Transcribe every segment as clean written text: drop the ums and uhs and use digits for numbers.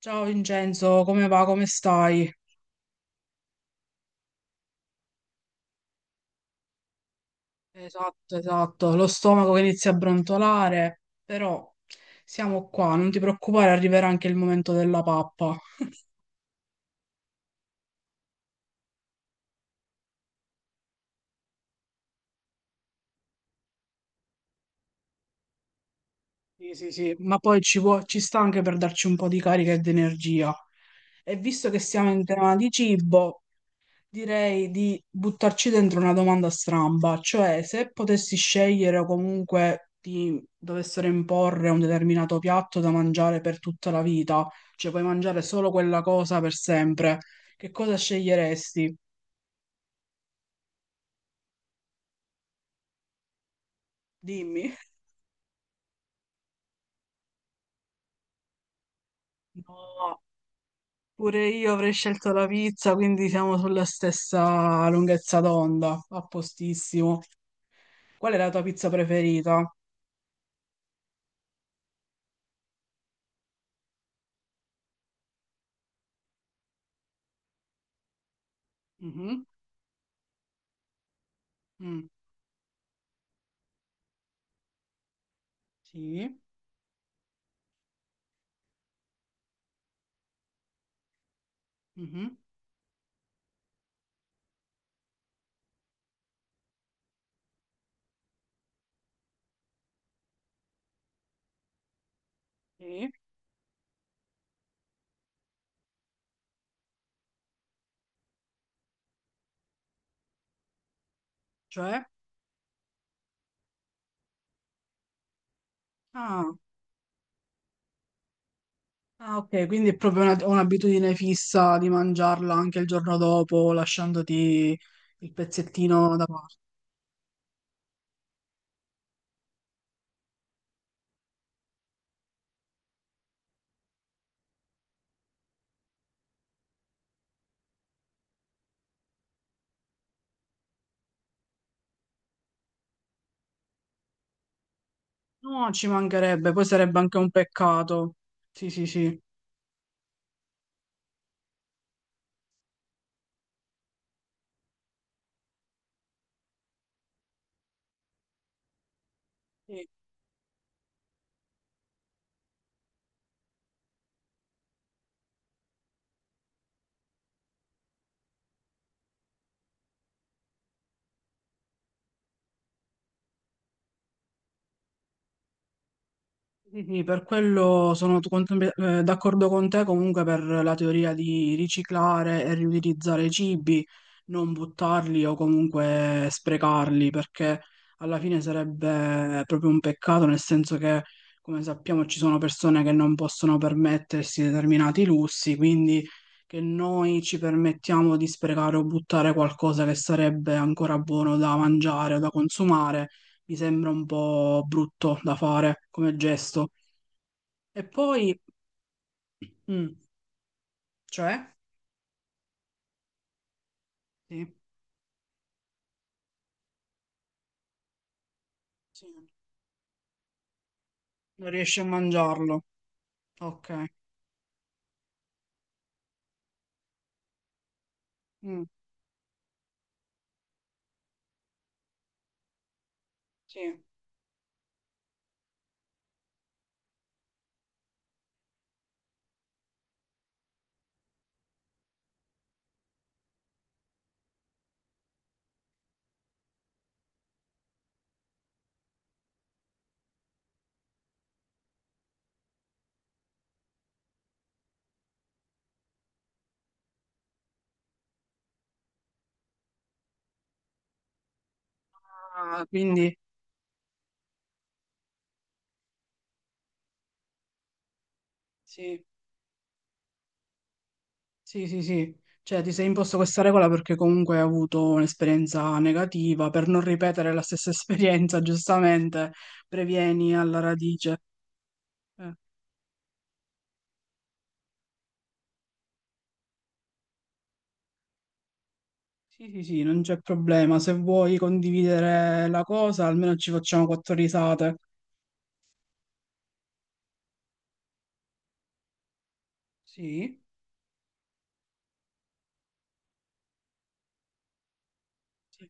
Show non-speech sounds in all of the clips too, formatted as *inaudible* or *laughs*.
Ciao Vincenzo, come va? Come stai? Esatto, esatto, lo stomaco che inizia a brontolare, però siamo qua, non ti preoccupare, arriverà anche il momento della pappa. Sì, sì, sì, ma poi ci sta anche per darci un po' di carica e di energia. E visto che siamo in tema di cibo, direi di buttarci dentro una domanda stramba, cioè se potessi scegliere o comunque ti dovessero imporre un determinato piatto da mangiare per tutta la vita, cioè puoi mangiare solo quella cosa per sempre, che cosa sceglieresti? Dimmi. No, pure io avrei scelto la pizza, quindi siamo sulla stessa lunghezza d'onda, a postissimo. Qual è la tua pizza preferita? Mhm. Mm. Sì. Mhm. Sì. Cioè? Ah. Ah, ok, quindi è proprio un'abitudine fissa di mangiarla anche il giorno dopo, lasciandoti il pezzettino da parte. No, ci mancherebbe, poi sarebbe anche un peccato. Sì, sì, sì. Sì. Sì, sì, per quello d'accordo con te comunque per la teoria di riciclare e riutilizzare i cibi, non buttarli o comunque sprecarli, perché alla fine sarebbe proprio un peccato, nel senso che, come sappiamo, ci sono persone che non possono permettersi determinati lussi, quindi che noi ci permettiamo di sprecare o buttare qualcosa che sarebbe ancora buono da mangiare o da consumare mi sembra un po' brutto da fare come gesto. E poi, mm, cioè, sì, sì, non riesci a mangiarlo. Ok, mm, sì. Ah, quindi, sì, sì, sì, sì. Cioè, ti sei imposto questa regola perché comunque hai avuto un'esperienza negativa, per non ripetere la stessa *laughs* esperienza, giustamente, previeni alla radice. Eh, Sì, sì, sì, non c'è problema. Se vuoi condividere la cosa, almeno ci facciamo quattro risate. Sì. Sì.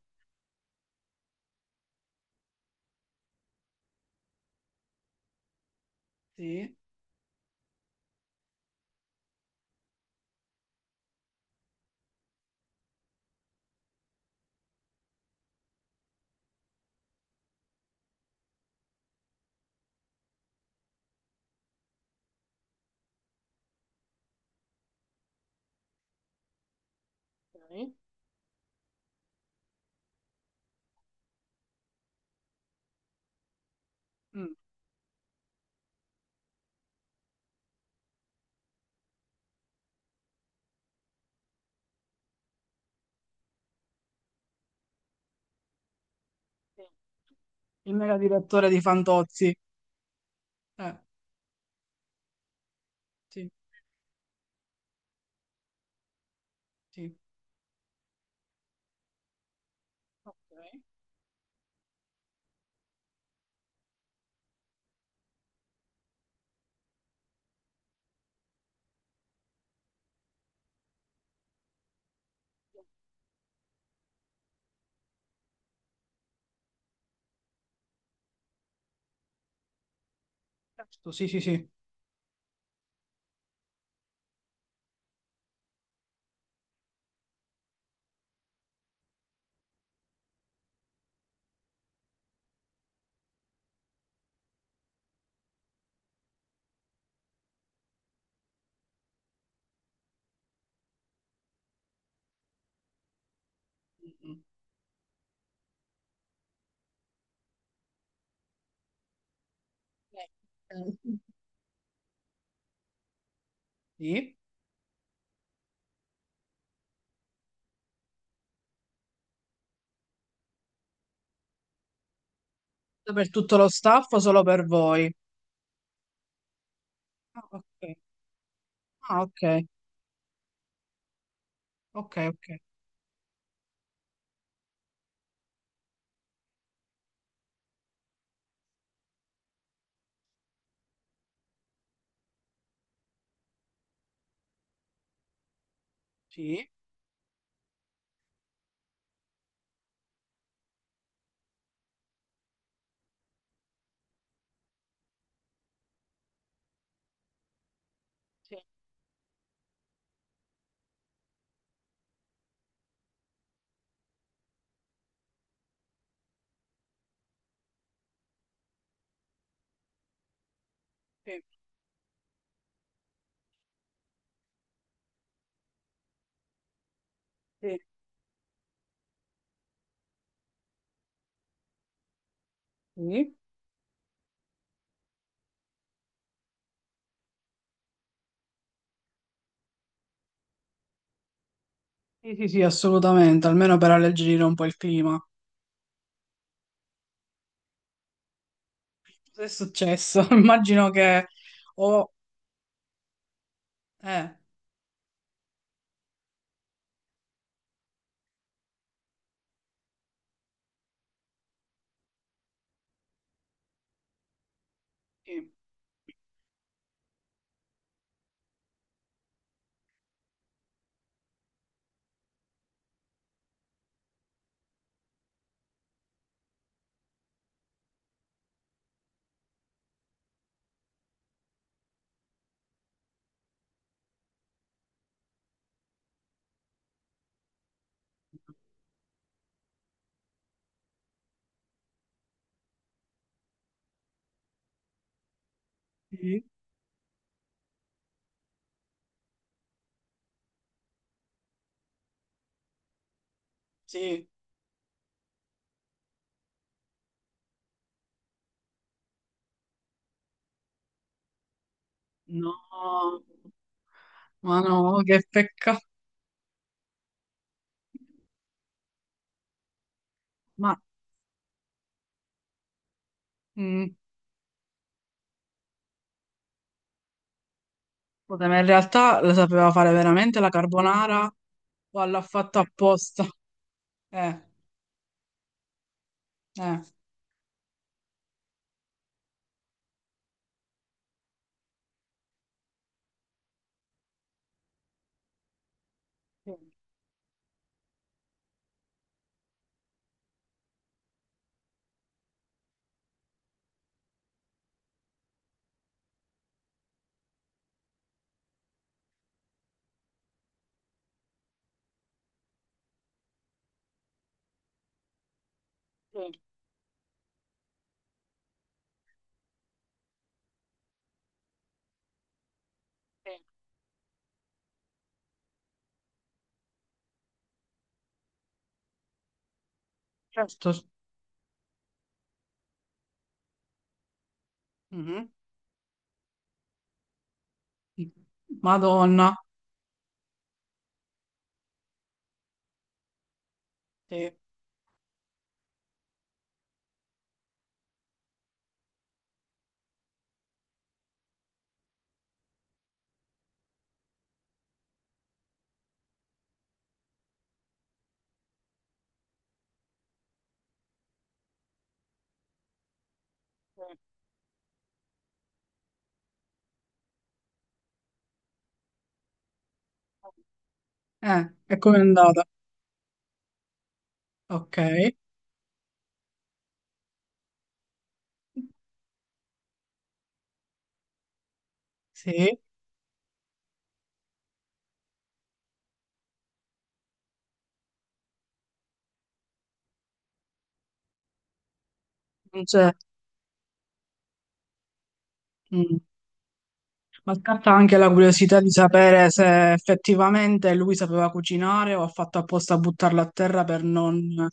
Sì. Ok. Mm. Sì. Il mega direttore di Fantozzi. Eh, sì, sì. Ok. Giusto. Sì, sì, sì. Mm. Lei. Sì. Per tutto lo staff o solo per voi? Ah, ok. Ah, ok. Ok, ok. Sì. Sì. Sì, sì, sì. Sì, sì, sì, assolutamente, almeno per alleggerire un po' il clima. Cosa è successo? *laughs* Immagino che... o eh, sì, sì, sì. No. Ma no, che peccato. Ma mm, vabbè, ma in realtà la sapeva fare veramente la carbonara o l'ha fatta apposta? Eh, eh. Sì, sì, sì. Certo. Mhm. Madonna. Sì. E come è andata? Ok. Sì. Non c'è. Mm. Ma scatta anche la curiosità di sapere se effettivamente lui sapeva cucinare o ha fatto apposta a buttarla a terra per non...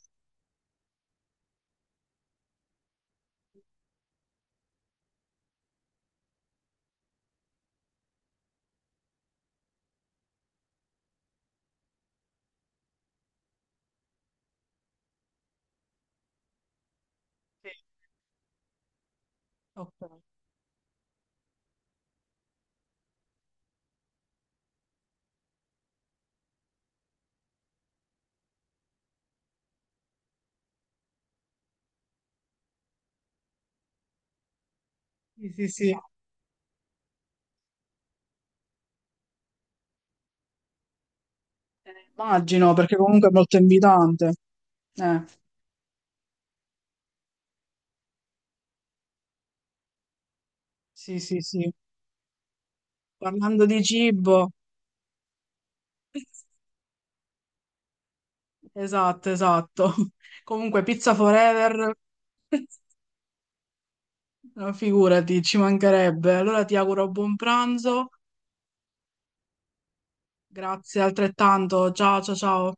Sì. Ok. Sì, sì, sì. Immagino, perché comunque è molto invitante. Eh, sì, sì, sì. Parlando di cibo, *laughs* esatto, esatto. *laughs* Comunque, pizza forever, *laughs* no, figurati, ci mancherebbe. Allora ti auguro buon pranzo, grazie altrettanto. Ciao, ciao, ciao.